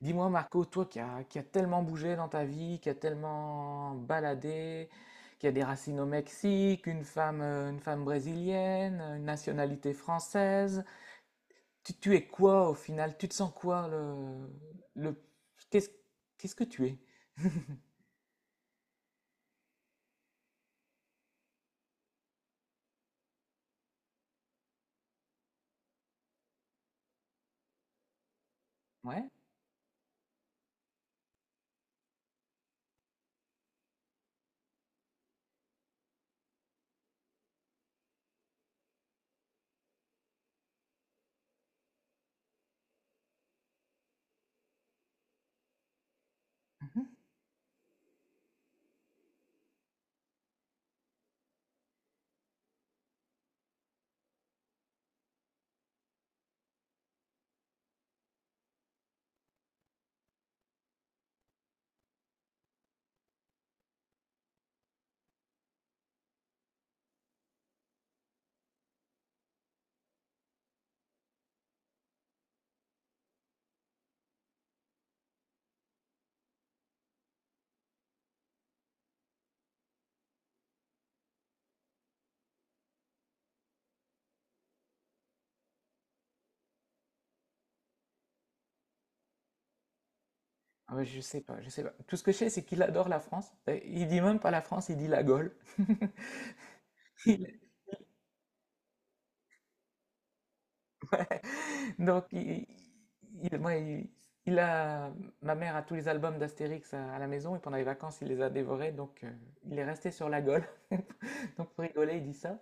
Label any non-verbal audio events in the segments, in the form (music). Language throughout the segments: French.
Dis-moi Marco, toi qui a tellement bougé dans ta vie, qui a tellement baladé, qui a des racines au Mexique, une femme brésilienne, une nationalité française, tu es quoi au final? Tu te sens quoi le, qu'est-ce, qu'est-ce que tu es? Ouais? Mhm. Ah ouais, je sais pas, je sais pas. Tout ce que je sais, c'est qu'il adore la France. Il dit même pas la France, il dit la Gaule. (laughs) Donc, ouais, il a, ma mère a tous les albums d'Astérix à la maison et pendant les vacances, il les a dévorés. Donc, il est resté sur la gaule. (laughs) Donc, pour rigoler, il dit ça.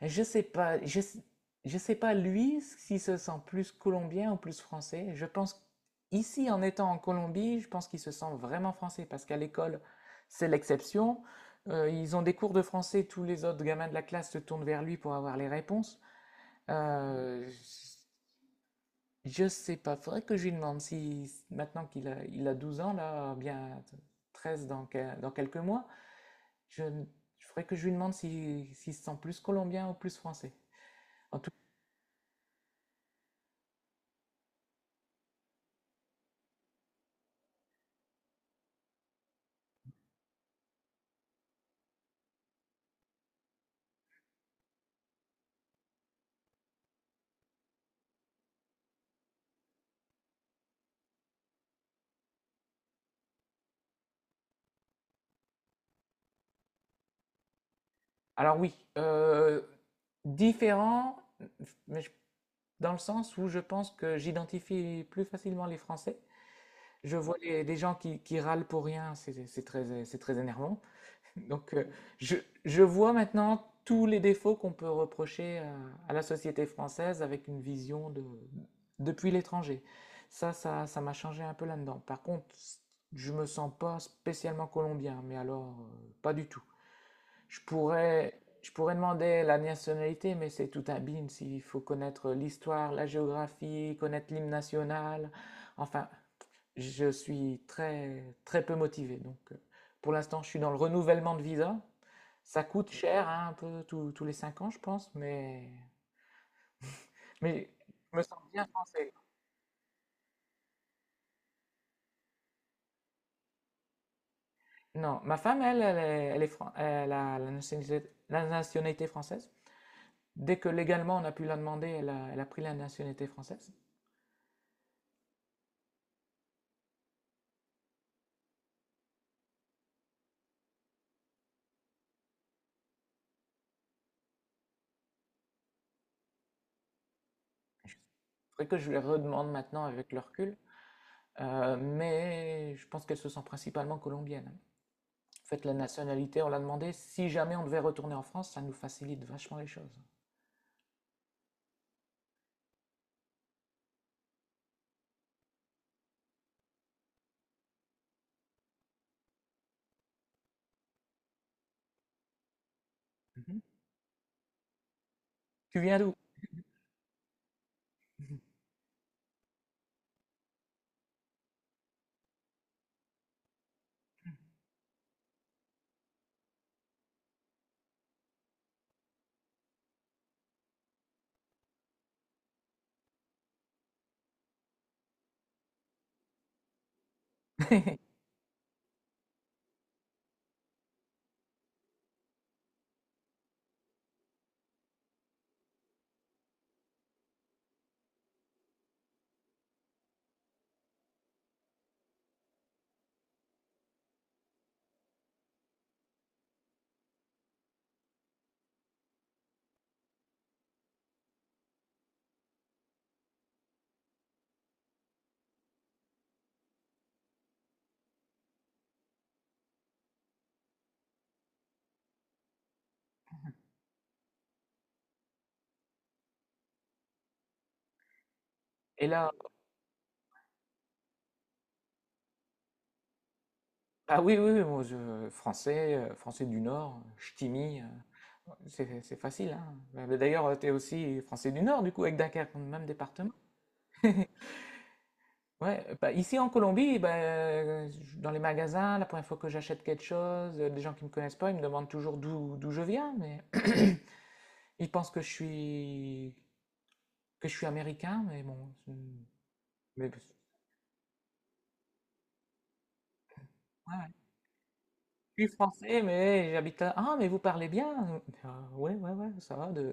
Et je sais pas, je sais pas lui s'il se sent plus colombien ou plus français. Je pense ici, en étant en Colombie, je pense qu'il se sent vraiment français parce qu'à l'école, c'est l'exception. Ils ont des cours de français, tous les autres gamins de la classe se tournent vers lui pour avoir les réponses. Euh, je sais pas, faudrait que je lui demande si maintenant qu'il a 12 ans, là, bien 13 dans quelques mois, je, je faudrait que je lui demande si, s'il se sent plus colombien ou plus français. En tout- alors oui, différent, mais dans le sens où je pense que j'identifie plus facilement les Français. Je vois les gens qui râlent pour rien, c'est très énervant. Donc, je, je vois maintenant tous les défauts qu'on peut reprocher à la société française avec une vision depuis l'étranger. Ça m'a changé un peu là-dedans. Par contre, je me sens pas spécialement colombien, mais alors, pas du tout. Je pourrais demander la nationalité, mais c'est tout un bin s'il faut connaître l'histoire, la géographie, connaître l'hymne national. Enfin, je suis très, très peu motivé. Donc, pour l'instant, je suis dans le renouvellement de visa. Ça coûte cher, hein, un peu tous les 5 ans, je pense, mais, je me sens bien français. Non, ma femme, elle a la nationalité française. Dès que légalement on a pu la demander, elle a pris la nationalité française. Faudrait que je lui redemande maintenant avec le recul. Mais je pense qu'elle se sent principalement colombienne, hein. En fait, la nationalité, on l'a demandé. Si jamais on devait retourner en France, ça nous facilite vachement les choses. Mhm. Tu viens d'où? (laughs) Et là, ah oui, oui, oui, moi, français, français du Nord, ch'timi, c'est facile, hein. Mais d'ailleurs, tu es aussi français du Nord, du coup, avec Dunkerque, même département. (laughs) Ouais, bah, ici en Colombie, bah, dans les magasins, la première fois que j'achète quelque chose, des gens qui me connaissent pas, ils me demandent toujours d'où je viens, mais (clears throat) ils pensent que je suis américain, mais bon, mais, ouais, je suis français, mais j'habite là. Ah, mais vous parlez bien? Ah, ouais, ouais, ouais, ça va. De, de-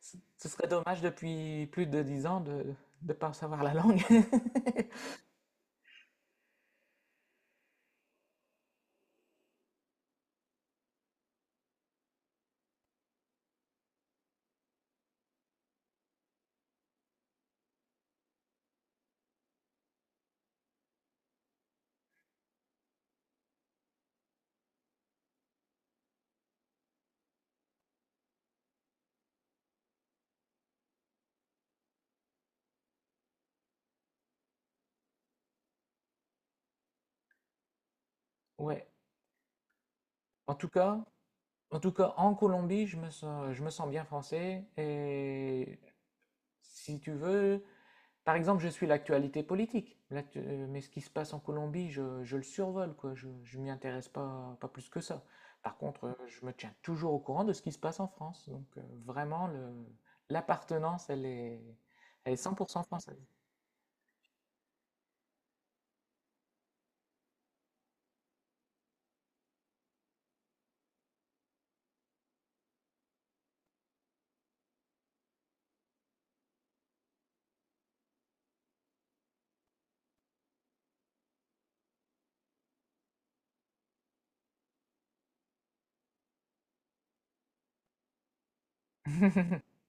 Ce ce serait dommage depuis plus de 10 ans de ne pas savoir la langue. (laughs) Ouais. En tout cas, en tout cas, en Colombie, je me sens bien français. Et si tu veux, par exemple, je suis l'actualité politique, mais ce qui se passe en Colombie, je le survole, quoi. Je m'y intéresse pas plus que ça. Par contre, je me tiens toujours au courant de ce qui se passe en France. Donc, vraiment, l'appartenance, elle est 100% française. (laughs)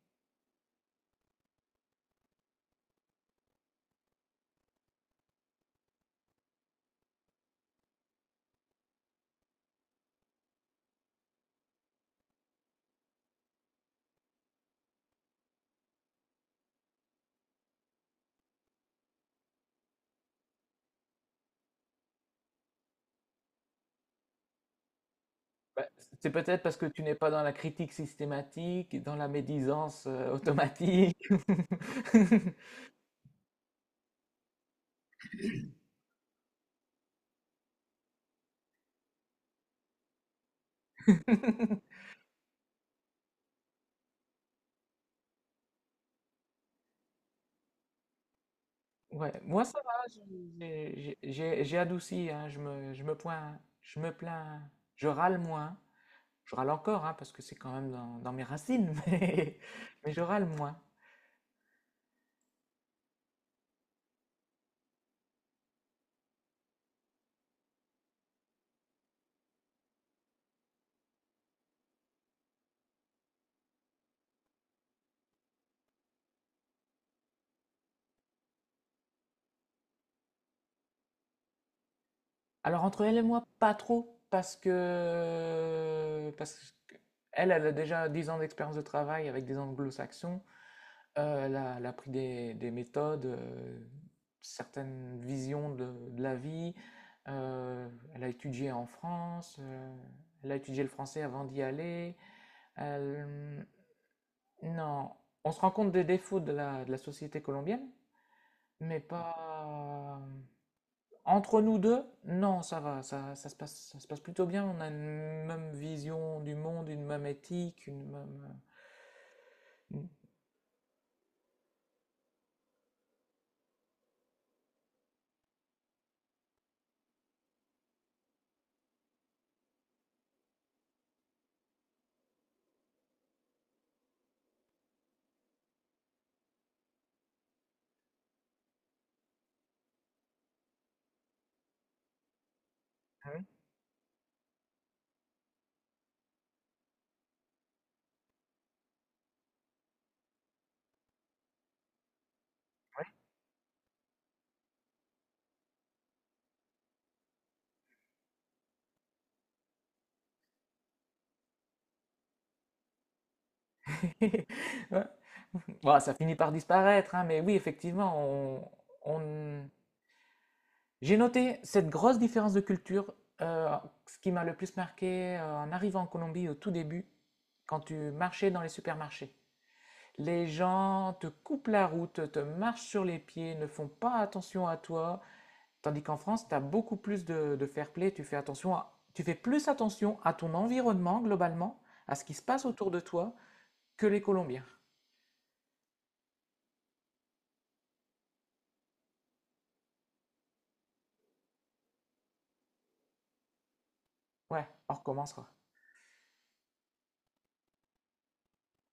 Bah, c'est peut-être parce que tu n'es pas dans la critique systématique, dans la médisance automatique. (laughs) Ouais, moi ça va, j'ai adouci, hein, je me plains, je râle moins. Je râle encore, hein, parce que c'est quand même dans mes racines, (laughs) mais, je râle moins. Alors entre elle et moi, pas trop, parce que elle a déjà 10 ans d'expérience de travail avec des anglo-saxons. Elle a pris des méthodes, certaines visions de la vie. Euh, elle a étudié en France. Elle a étudié le français avant d'y aller. Elle- Non, on se rend compte des défauts de la société colombienne, mais pas. Entre nous deux, non, ça va, ça, ça se passe plutôt bien. On a une même vision du monde, une même éthique, une même. euh, une- (laughs) Ouais, bah, ça finit par disparaître, hein, mais oui, effectivement, on, on- j'ai noté cette grosse différence de culture. euh, ce qui m'a le plus marqué en arrivant en Colombie au tout début, quand tu marchais dans les supermarchés. Les gens te coupent la route, te marchent sur les pieds, ne font pas attention à toi, tandis qu'en France, tu as beaucoup plus de fair play, tu fais plus attention à ton environnement globalement, à ce qui se passe autour de toi, que les Colombiens. Ouais, on recommencera.